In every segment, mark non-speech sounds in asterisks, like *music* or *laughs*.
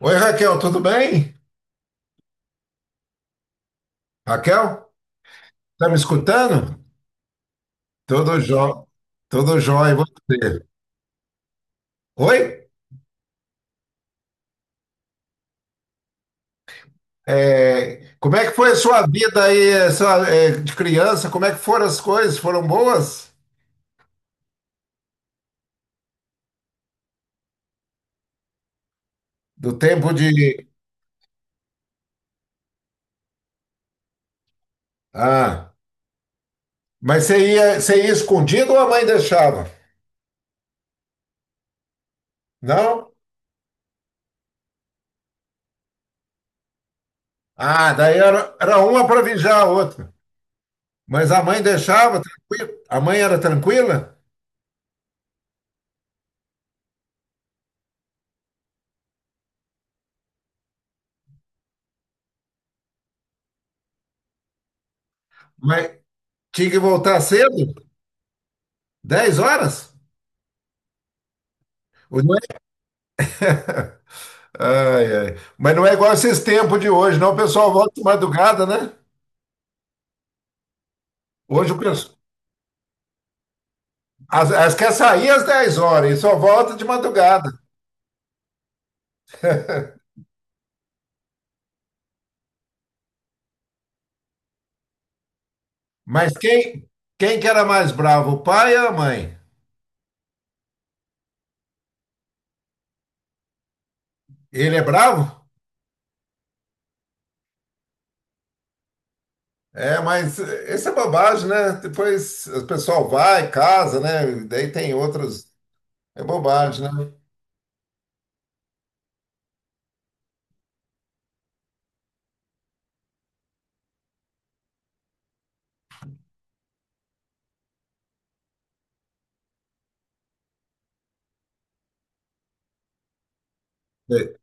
Oi, Raquel, tudo bem? Raquel, tá me escutando? Tudo jó, tudo jóia, e você? Oi? É, como é que foi a sua vida aí, essa, de criança? Como é que foram as coisas? Foram boas? Do tempo de. Ah, mas você ia escondido ou a mãe deixava? Não? Ah, daí era uma para vigiar a outra. Mas a mãe deixava, tranquila? A mãe era tranquila? Mas tinha que voltar cedo? 10h? O- *laughs* Ai, ai. Mas não é igual esses tempos de hoje, não. O pessoal volta de madrugada, né? Hoje o pessoal. As quer sair às 10h e só volta de madrugada. Mas quem que era mais bravo, o pai ou a mãe? Ele é bravo? É, mas isso é bobagem, né? Depois o pessoal vai, casa, né? Daí tem outros. É bobagem, né? É.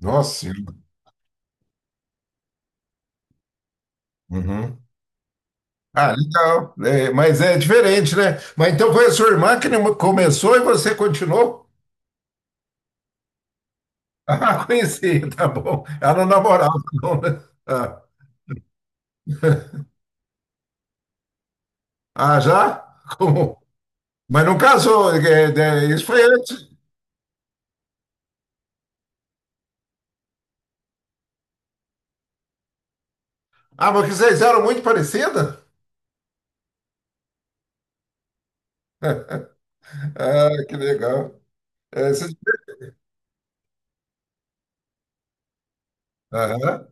Nossa Senhora. Uhum. Ah, legal. É, mas é diferente, né? Mas então foi a sua irmã que começou e você continuou? Ah, *laughs* conheci, tá bom. Ela não namorava, não, né? Ah, ah, já? Como? Mas não casou, isso foi antes. Ah, mas que vocês eram muito parecidas? *laughs* Ah, que legal. É. Aham.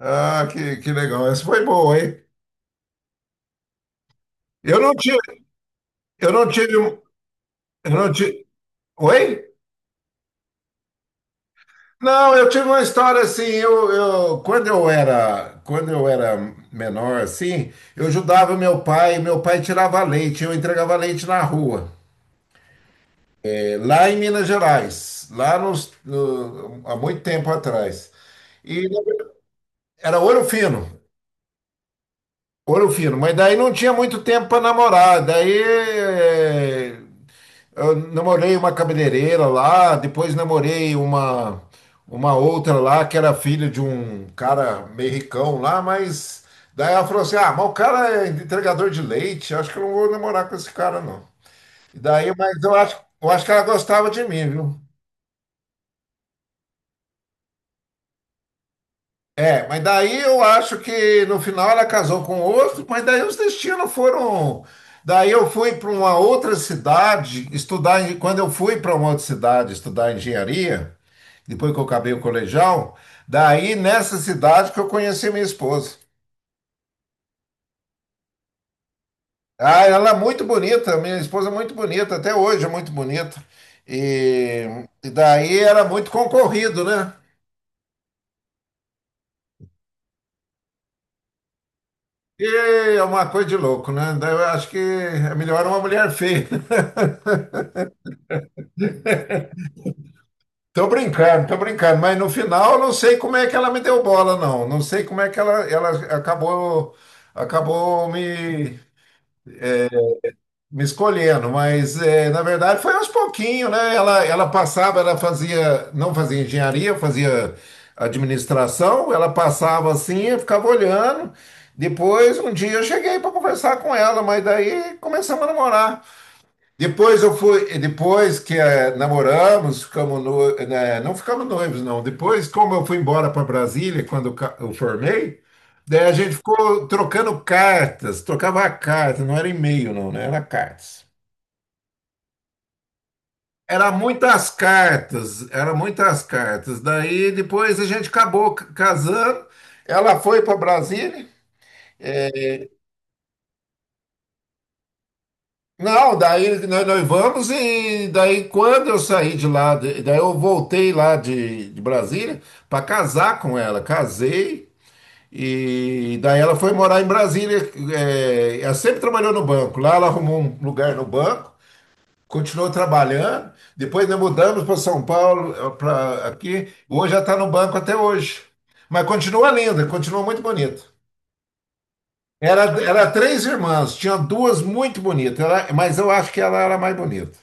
Ah, que legal. Essa foi boa, hein? Eu não tive, eu não tive, um- eu não tive. Oi? Não, eu tive uma história assim. Quando eu era menor, assim, eu ajudava meu pai. Meu pai tirava leite, eu entregava leite na rua, lá em Minas Gerais, lá nos, no- há muito tempo atrás. E era Ouro Fino, Ouro Fino, mas daí não tinha muito tempo para namorar. Daí eu namorei uma cabeleireira lá, depois namorei uma outra lá que era filha de um cara meio ricão lá, mas daí ela falou assim: ah, mas o cara é entregador de leite, acho que eu não vou namorar com esse cara não. E daí, mas eu acho que ela gostava de mim, viu? É, mas daí eu acho que no final ela casou com outro, mas daí os destinos foram. Daí eu fui para uma outra cidade estudar. Quando eu fui para uma outra cidade estudar engenharia, depois que eu acabei o colegial, daí nessa cidade que eu conheci minha esposa. Ah, ela é muito bonita, minha esposa é muito bonita, até hoje é muito bonita. E daí era muito concorrido, né? E é uma coisa de louco, né? Daí eu acho que é melhor uma mulher feia, né? Tô brincando, mas no final eu não sei como é que ela me deu bola, não. Não sei como é que ela acabou, acabou me escolhendo, mas é, na verdade foi aos pouquinhos, né? Ela passava, ela fazia, não fazia engenharia, fazia administração, ela passava assim, eu ficava olhando. Depois, um dia eu cheguei para conversar com ela, mas daí começamos a namorar. Depois eu fui, depois que namoramos, ficamos no, né, não ficamos noivos, não. Depois, como eu fui embora para Brasília, quando eu formei, daí a gente ficou trocando cartas, trocava cartas, não era e-mail, não, né? Era cartas. Era muitas cartas, era muitas cartas. Daí depois a gente acabou casando. Ela foi para Brasília. Não, daí nós vamos e daí quando eu saí de lá, daí eu voltei lá de Brasília para casar com ela. Casei e daí ela foi morar em Brasília. É, ela sempre trabalhou no banco. Lá ela arrumou um lugar no banco, continuou trabalhando. Depois nós mudamos para São Paulo, para aqui. Hoje ela está no banco até hoje. Mas continua linda, continua muito bonita. Era três irmãs, tinha duas muito bonitas, mas eu acho que ela era a mais bonita.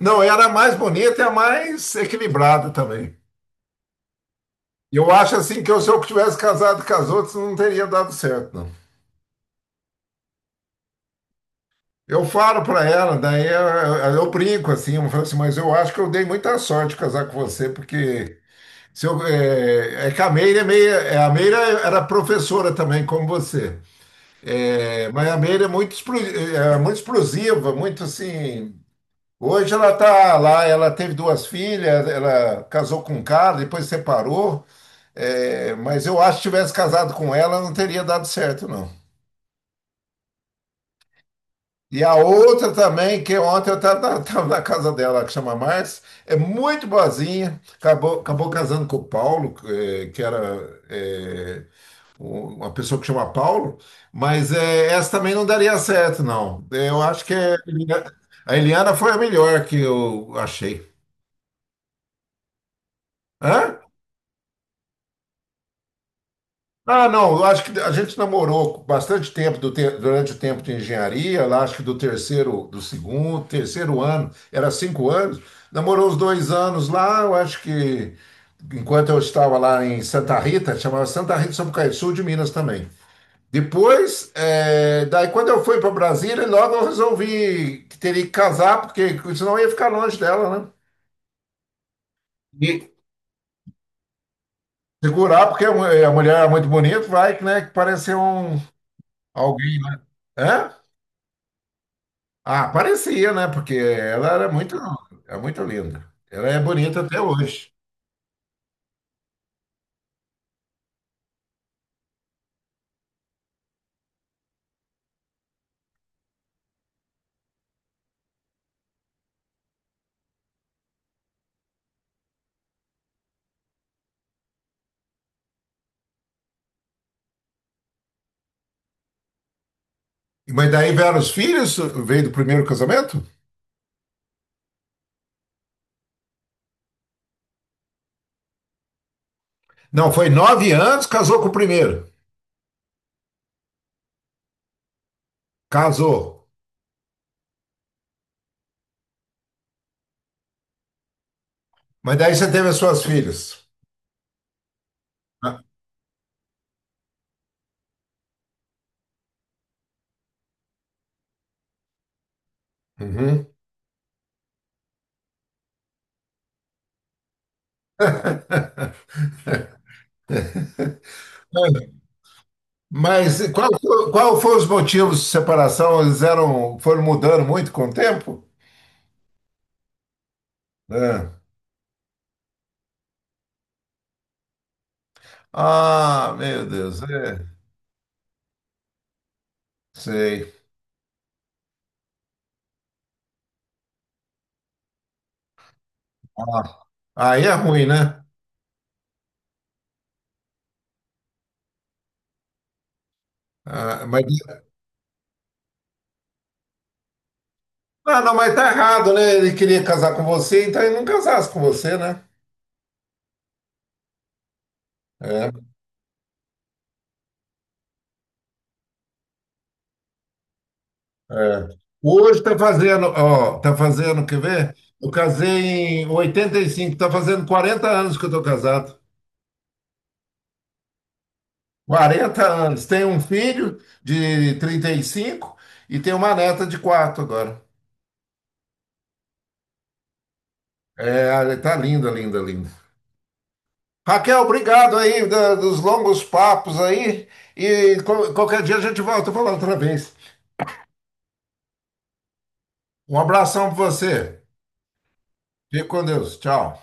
Não, era a mais bonita e a mais equilibrada também. Eu acho assim que se eu tivesse casado com as outras, não teria dado certo, não. Eu falo para ela, daí eu brinco assim, eu falo assim, mas eu acho que eu dei muita sorte de casar com você, porque se eu, é, é que a Meira é meio, a Meira era professora também, como você. É, mas a Meira é muito explosiva, muito assim. Hoje ela tá lá, ela teve duas filhas, ela casou com um cara, depois separou. É, mas eu acho que se tivesse casado com ela, não teria dado certo, não. E a outra também, que ontem eu estava *laughs* na casa dela, que chama Márcia, é muito boazinha, acabou casando com o Paulo, que era uma pessoa que chama Paulo, mas essa também não daria certo, não. Eu acho que a Eliana foi a melhor que eu achei. Hã? Ah, não, eu acho que a gente namorou bastante tempo durante o tempo de engenharia, lá acho que do terceiro, do segundo, terceiro ano, era 5 anos, namorou uns 2 anos lá, eu acho que enquanto eu estava lá em Santa Rita, chamava Santa Rita de Sapucaí, sul de Minas também. Depois, daí quando eu fui para Brasília, logo eu resolvi que teria que casar, porque senão eu ia ficar longe dela, né? E segurar, porque a mulher é muito bonita, vai, né, que parece um alguém, né? Hã? Ah, parecia, né? Porque ela era é muito linda. Ela é bonita até hoje. Mas daí vieram os filhos, veio do primeiro casamento? Não, foi 9 anos, casou com o primeiro. Casou. Mas daí você teve as suas filhas. Ah, uhum. *laughs* Mas qual foi os motivos de separação? Eles eram, foram mudando muito com o tempo? É. Ah, meu Deus, é, sei. Ah, aí é ruim, né? Ah, mas. Ah, não, mas tá errado, né? Ele queria casar com você, então ele não casasse com você, né? É, é. Hoje tá fazendo, ó, tá fazendo, quer ver? Eu casei em 85. Tá fazendo 40 anos que eu tô casado. 40 anos. Tenho um filho de 35 e tenho uma neta de 4 agora. É, tá linda, linda, linda. Raquel, obrigado aí dos longos papos aí. E qualquer dia a gente volta a falar outra vez. Um abração pra você. Fique com Deus. Tchau.